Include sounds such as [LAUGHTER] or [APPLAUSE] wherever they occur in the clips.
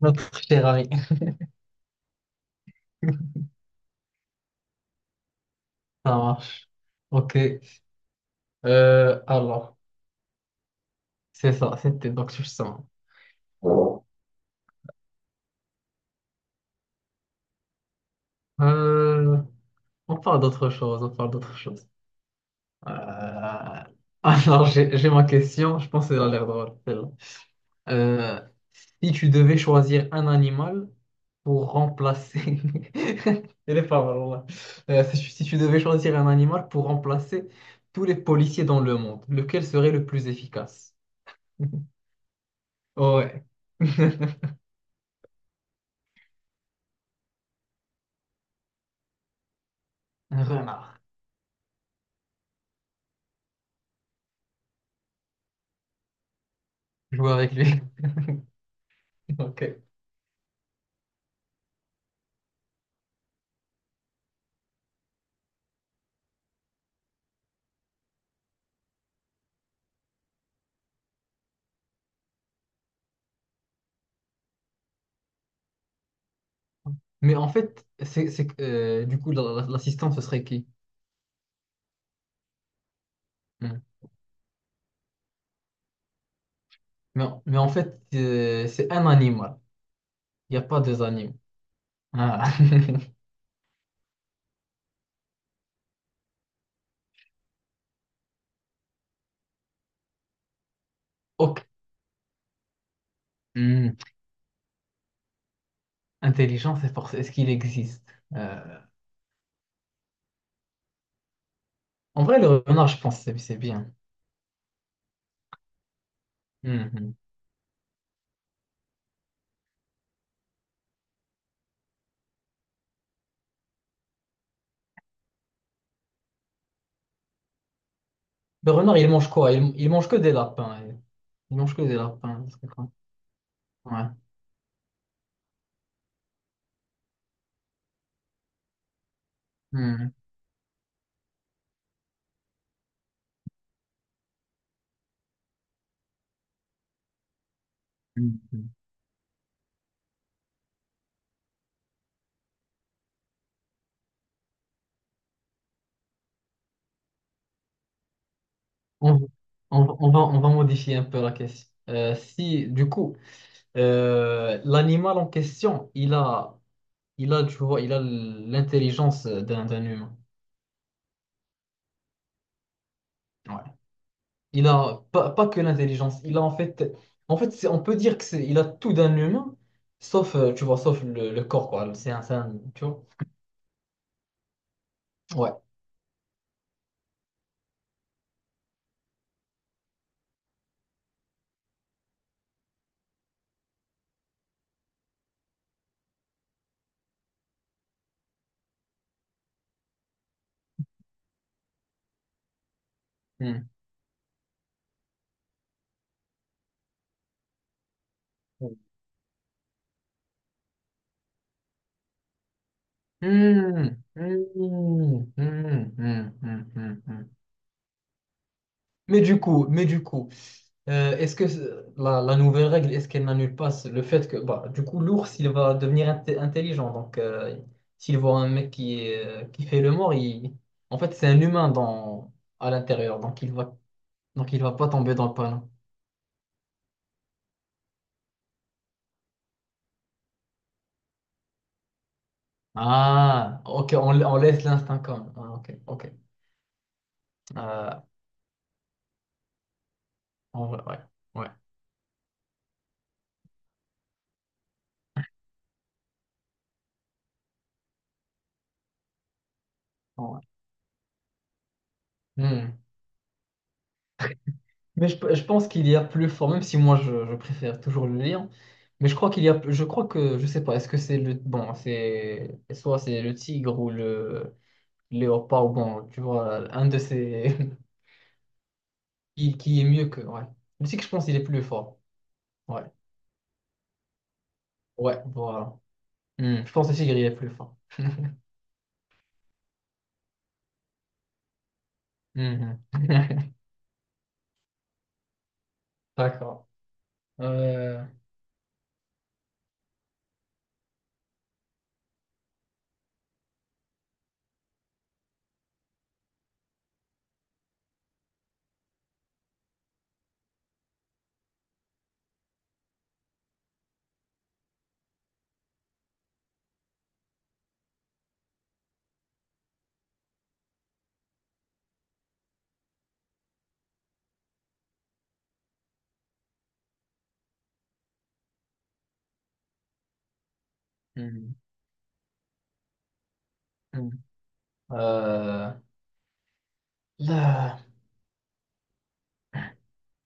Notre cher ami. [LAUGHS] Ça marche. Ok. Euh, alors, c'est ça, c'était donc justement. Euh, on parle d'autre chose, on parle d'autre chose. Euh, j'ai ma question, je pense qu'elle a l'air drôle, celle-là. Euh, Si tu devais choisir un animal pour remplacer... [LAUGHS] Elle est pas mal, voilà. Si tu devais choisir un animal pour remplacer tous les policiers dans le monde, lequel serait le plus efficace? Oh, ouais. [LAUGHS] Un renard. Jouer avec lui. [LAUGHS] Ok. Mais en fait, du coup, l'assistant, ce serait qui? Hmm. Mais en fait, c'est un animal. Il n'y a pas deux animaux. Ah. [LAUGHS] Ok. Hmm. Intelligence et force, est-ce qu'il existe? Euh, En vrai, le renard, je pense, que c'est bien. Mhm. Le renard, il mange quoi? Il mange que des lapins. Il mange que des lapins. C'est quoi? Ouais. Hmm. Mhm. On, on va modifier un peu la question. Si, du coup. L'animal en question, il a, tu vois, il a l'intelligence d'un humain. Ouais. Il a pas, pas que l'intelligence, il a en fait, on peut dire que c'est, il a tout d'un humain, sauf, tu vois, sauf le corps, quoi. Tu vois. Ouais. Hmm. Hmm. Hmm. Hmm. Hmm. Hmm. Hmm. Hmm. Mais du coup, est-ce que la, la nouvelle règle, est-ce qu'elle n'annule pas le fait que, bah, du coup, l'ours, il va devenir intelligent. Donc, s'il voit un mec qui, est, qui fait le mort, il... en fait, c'est un humain dans... à l'intérieur. Donc, il va pas tomber dans le panneau. Ah, ok, on laisse l'instinct comme. Ah, ok, ok. Euh, En vrai, ouais, ouais. En vrai. Mais je pense qu'il y a plus fort, même si moi je préfère toujours le lire. Mais je crois qu'il y a, je crois que, je sais pas, est-ce que c'est le, bon, c'est, soit c'est le tigre ou le léopard, ou bon, tu vois, un de ces, [LAUGHS] qui est mieux que, ouais. Le tigre, je pense, il est plus fort. Ouais, ouais, voilà. Hmm, je pense que le tigre, il est plus fort. Mhm. [LAUGHS] D'accord. Euh, hmm, hmm. Euh, Là.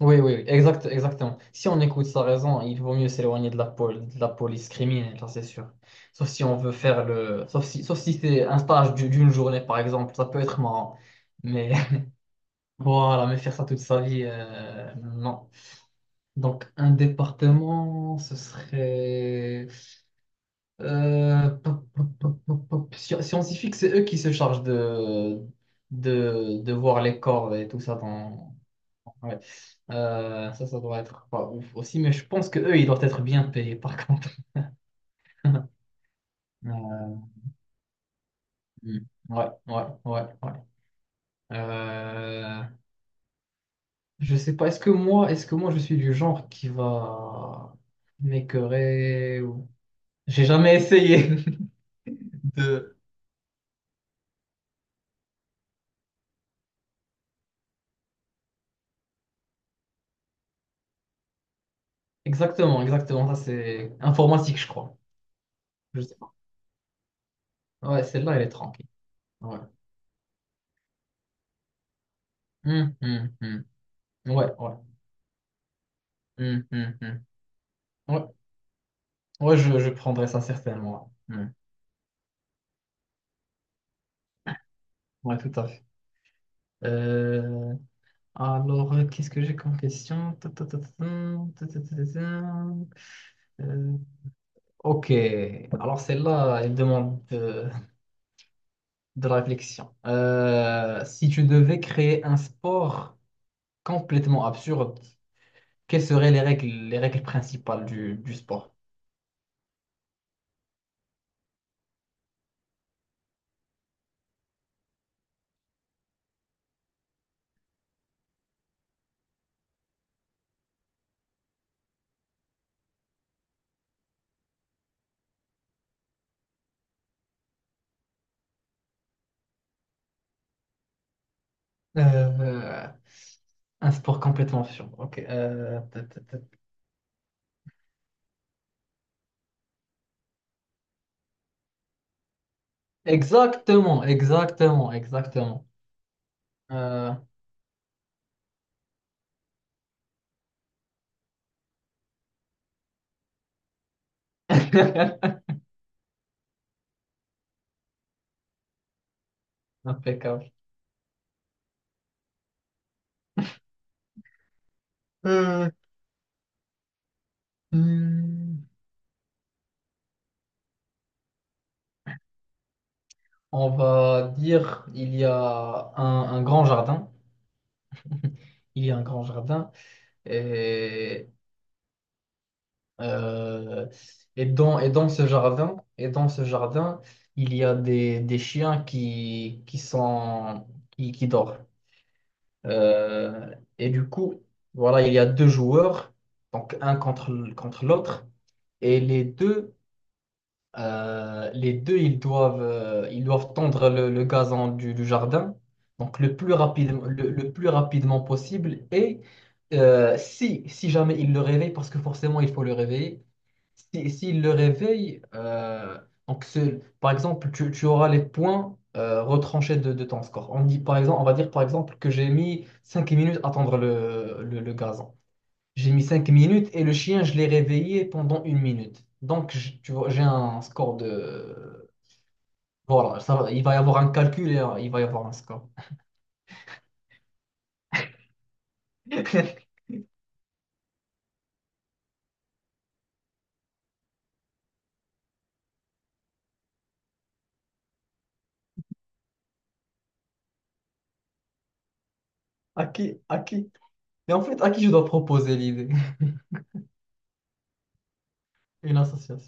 Oui, oui, oui, exact, exactement. Si on écoute sa raison, il vaut mieux s'éloigner de la, de la police criminelle, ça c'est sûr. Sauf si on veut faire le... sauf si c'est un stage d'une journée, par exemple, ça peut être marrant. Mais [LAUGHS] voilà, mais faire ça toute sa vie, non. Donc, un département, ce serait... Scientifique, c'est eux qui se chargent de voir les corps et tout ça. Ouais. Ça doit être pas ouf aussi, mais je pense que eux, ils doivent être bien payés par [LAUGHS] contre. Euh, hmm. Ouais, ouais, ouais, ouais. Euh, je sais pas, est-ce que moi, je suis du genre qui va m'écœurer ou... J'ai jamais essayé [LAUGHS] de... Exactement, exactement, ça c'est informatique, je crois. Je sais pas. Ouais, celle-là, elle est tranquille. Ouais. Hmm, hmm, hmm. Ouais, ouais. Hmm, hmm, hmm. Ouais, ouais, je prendrais ça certainement. Ouais. Hmm. Ouais, tout à fait. Euh, qu'est-ce que j'ai comme question? Ta, ta, ta, ta, ta, ta, ta, ta, ta. Ta. Euh, ok, alors celle-là, elle demande de la réflexion. Si tu devais créer un sport complètement absurde, quelles seraient les règles principales du sport? Euh, un sport complètement absurde. Ok. Ta, ta, ta. Exactement, exactement, exactement. Euh, [LAUGHS] Impeccable. Euh, Hmm, on va dire il y a un grand jardin. Il y a un grand jardin et, euh, et dans ce jardin et dans ce jardin il y a des chiens qui, qui sont, qui dorment. Et du coup voilà il y a deux joueurs donc un contre contre l'autre et les deux. Les deux, ils doivent tondre le gazon du jardin, donc le plus rapide, le plus rapidement possible. Et si jamais ils le réveillent, parce que forcément il faut le réveiller, si, s'ils le réveillent, donc par exemple, tu auras les points retranchés de ton score. On dit, par exemple, on va dire par exemple que j'ai mis 5 minutes à tondre le gazon. J'ai mis 5 minutes et le chien, je l'ai réveillé pendant 1 minute. Donc, tu vois, j'ai un score de... Voilà, ça va, il va y avoir un calcul et il va y avoir un score. [LAUGHS] À qui, à qui? Mais en fait, à qui je dois proposer l'idée? [LAUGHS] Une association.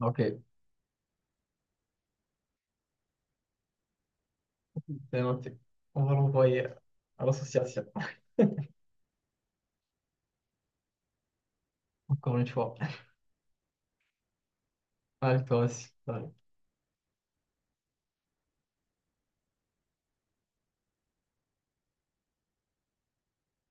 Ok, c'est noté. On va l'envoyer à l'association, encore une fois. Allez, toi aussi. Bye.